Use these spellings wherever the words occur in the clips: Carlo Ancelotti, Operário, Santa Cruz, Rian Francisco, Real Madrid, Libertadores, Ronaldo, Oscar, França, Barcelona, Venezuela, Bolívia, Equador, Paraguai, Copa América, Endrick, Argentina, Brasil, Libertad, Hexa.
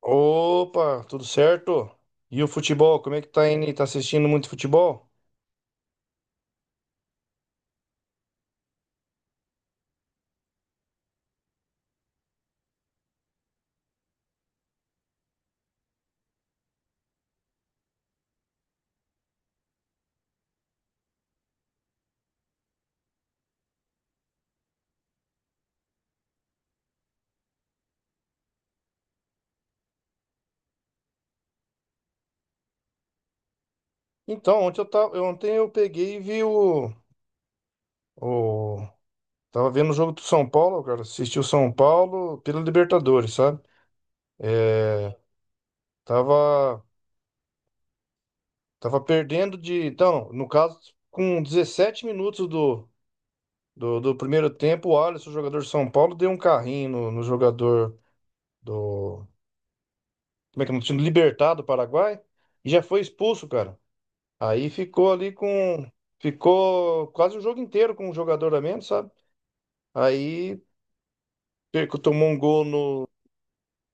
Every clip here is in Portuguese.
Opa, tudo certo? E o futebol, como é que tá indo? Tá assistindo muito futebol? Então, ontem eu peguei e vi o tava vendo o jogo do São Paulo, cara, assisti o São Paulo pela Libertadores, sabe? É, tava tava perdendo de, então, no caso, com 17 minutos do primeiro tempo, o Alisson, o jogador de São Paulo, deu um carrinho no jogador do, como é que é, o time do time? Libertad do Paraguai e já foi expulso, cara. Aí ficou ali com. Ficou quase o jogo inteiro com um jogador a menos, sabe? Aí perco, tomou um gol no,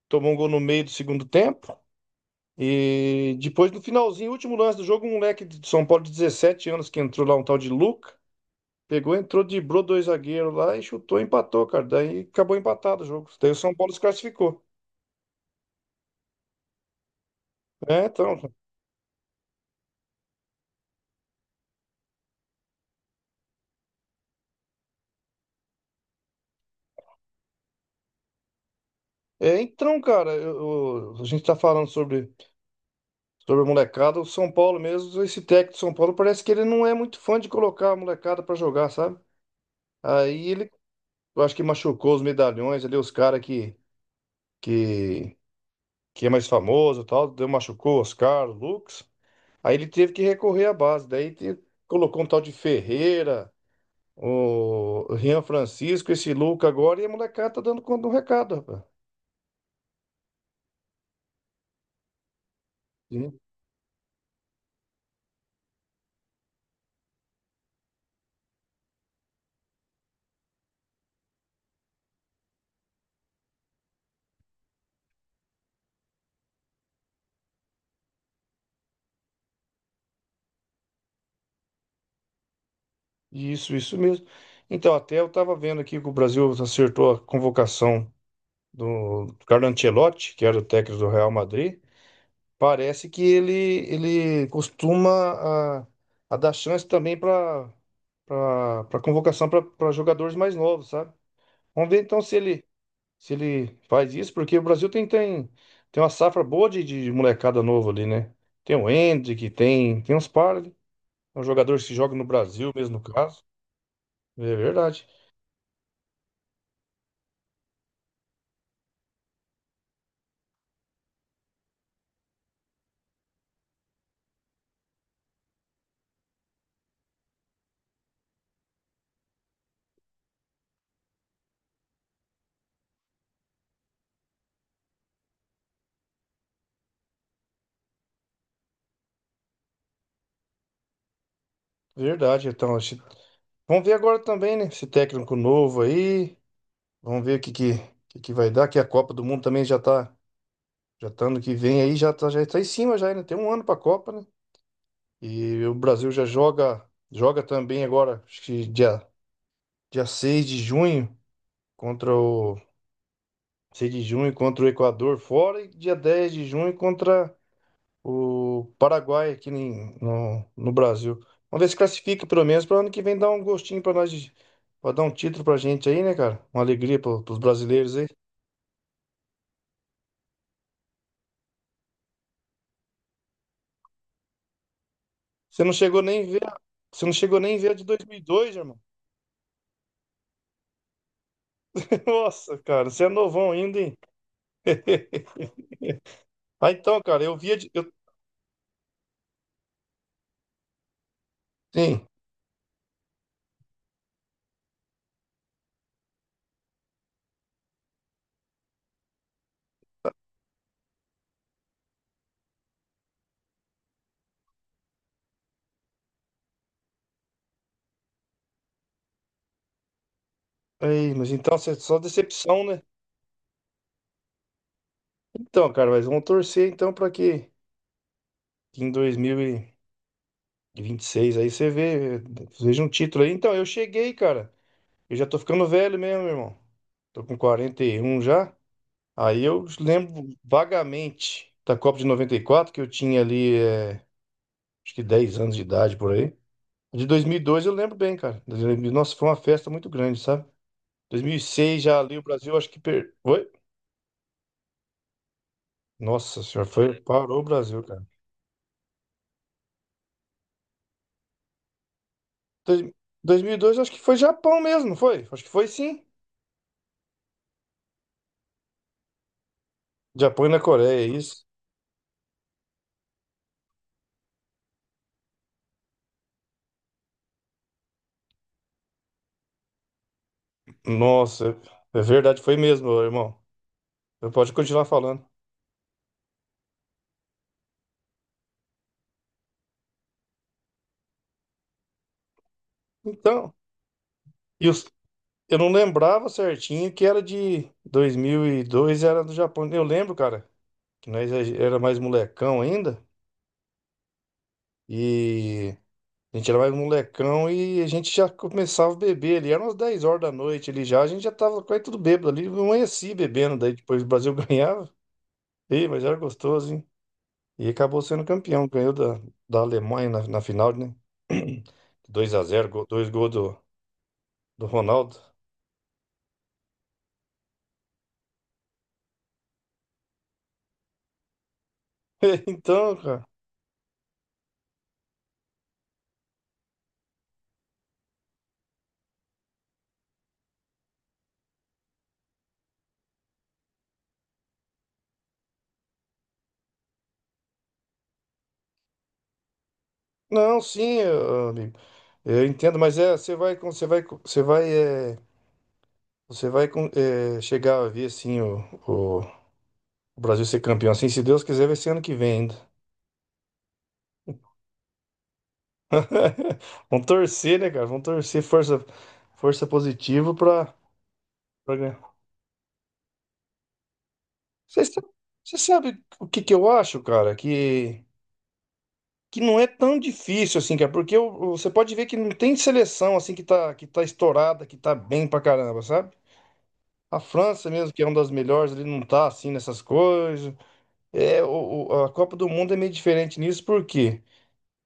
Tomou um gol no meio do segundo tempo. E depois, no finalzinho, último lance do jogo, um moleque de São Paulo de 17 anos que entrou lá, um tal de Luca, pegou, entrou, driblou dois zagueiros lá e chutou, empatou, cara. Daí acabou empatado o jogo. Daí o São Paulo se classificou. É, então, é, então, cara, a gente tá falando sobre a molecada. O São Paulo mesmo, esse técnico do São Paulo parece que ele não é muito fã de colocar a molecada pra jogar, sabe? Aí ele, eu acho que machucou os medalhões ali, os caras que, que é mais famoso e tal, deu, machucou Oscar, o Lucas. Aí ele teve que recorrer à base, daí colocou um tal de Ferreira, o Rian Francisco, esse Luca agora, e a molecada tá dando conta do recado, rapaz. Sim. Isso mesmo. Então, até eu tava vendo aqui que o Brasil acertou a convocação do Carlo Ancelotti, que era o técnico do Real Madrid. Parece que ele, costuma a dar chance também para convocação para jogadores mais novos, sabe? Vamos ver então se ele faz isso, porque o Brasil tem uma safra boa de molecada novo ali, né? Tem o Endrick, tem uns par, ali. São jogadores que jogam no Brasil mesmo no caso. É verdade, verdade. Então, vamos ver agora também, né? Esse técnico novo aí. Vamos ver o que vai dar, que a Copa do Mundo também já tá ano que vem aí, já tá em cima já, né? Tem um ano pra Copa, né? E o Brasil já joga também agora, acho que dia contra o 6 de junho contra o Equador fora e dia 10 de junho contra o Paraguai no Brasil. Vamos ver se classifica pelo menos para ano que vem dar um gostinho pra nós, pra dar um título pra gente aí, né, cara? Uma alegria pros brasileiros aí. Você não chegou nem ver, a- você não chegou nem ver a de dois mil e dois, irmão. Nossa, cara, você é novão ainda, hein? Ah, então, cara, eu via de, eu sim. Aí, mas então você só decepção, né? Então, cara, mas vamos torcer então para que em 2026 aí veja um título aí. Então, eu cheguei, cara. Eu já tô ficando velho mesmo, irmão. Tô com 41 já. Aí eu lembro vagamente da Copa de noventa e quatro, que eu tinha ali, acho que 10 anos de idade por aí. De 2002 eu lembro bem, cara. Nossa, foi uma festa muito grande, sabe? 2006 já ali o Brasil, Oi? Nossa senhora, parou o Brasil, cara. Dois- 2002 acho que foi Japão mesmo, não foi? Acho que foi sim. Japão e na Coreia, é isso. Nossa, é verdade, foi mesmo, ô, irmão. Eu pode continuar falando. Então, e os- eu não lembrava certinho que era de 2002, era do Japão. Eu lembro, cara, que nós era mais molecão ainda. E a gente era mais molecão e a gente já começava a beber ali. Eram umas 10 horas da noite ali já. A gente já tava quase tudo bêbado ali. Eu amanheci bebendo. Daí depois o Brasil ganhava. Ei, mas era gostoso, hein? E acabou sendo campeão. Ganhou da Alemanha na final, né? 2 a 0, dois gols do Ronaldo. Então, cara. Não, sim, amigo. Eu entendo, mas é, você vai chegar a ver assim o o Brasil ser campeão. Assim, se Deus quiser, vai ser ano que vem ainda. Vamos torcer, né, cara? Vamos torcer força, positiva pra ganhar. Você sa- você sabe o que que eu acho, cara? Que não é tão difícil assim, cara. Porque você pode ver que não tem seleção assim que tá estourada, que tá bem pra caramba, sabe? A França mesmo, que é uma das melhores, ele não tá assim nessas coisas. É, a Copa do Mundo é meio diferente nisso, por quê?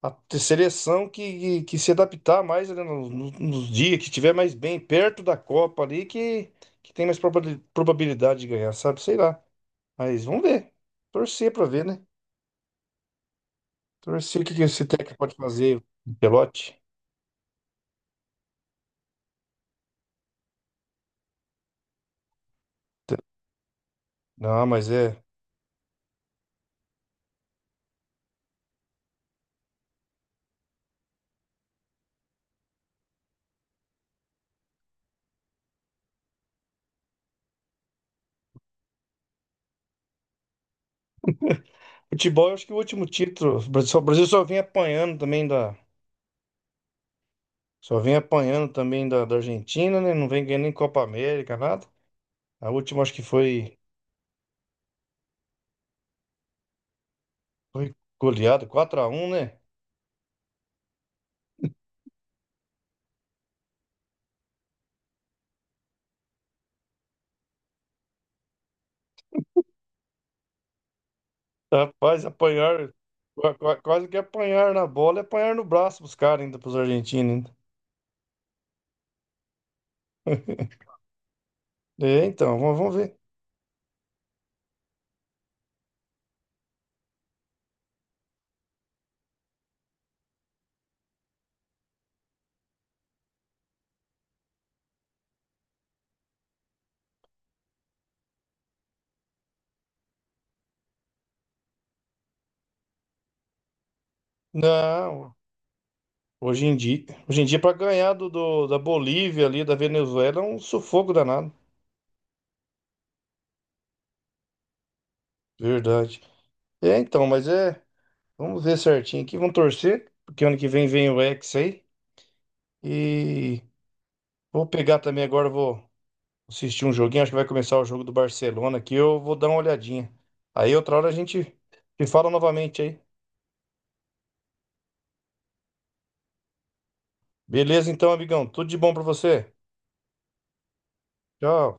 A seleção que se adaptar mais, né, nos dias, que estiver mais bem perto da Copa ali, que tem mais probabilidade de ganhar, sabe? Sei lá. Mas vamos ver. Torcer pra ver, né? Torcer o que esse técnico pode fazer, o Pelote. Não, mas é. Futebol, eu acho que o último título. O Brasil só vem apanhando também da. Só vem apanhando também da Argentina, né? Não vem ganhando nem Copa América, nada. A última acho que foi goleada, 4 a 1, né? Rapaz, apanhar, quase que apanhar na bola e apanhar no braço pros caras ainda, pros argentinos ainda. É, então, vamos ver. Não, hoje em dia para ganhar da Bolívia ali, da Venezuela, é um sufoco danado. Verdade. É, então, mas é, vamos ver certinho aqui, vamos torcer, porque ano que vem vem o Hexa aí. E vou pegar também agora, vou assistir um joguinho, acho que vai começar o jogo do Barcelona aqui, eu vou dar uma olhadinha. Aí outra hora a gente se fala novamente aí. Beleza, então, amigão. Tudo de bom pra você. Tchau.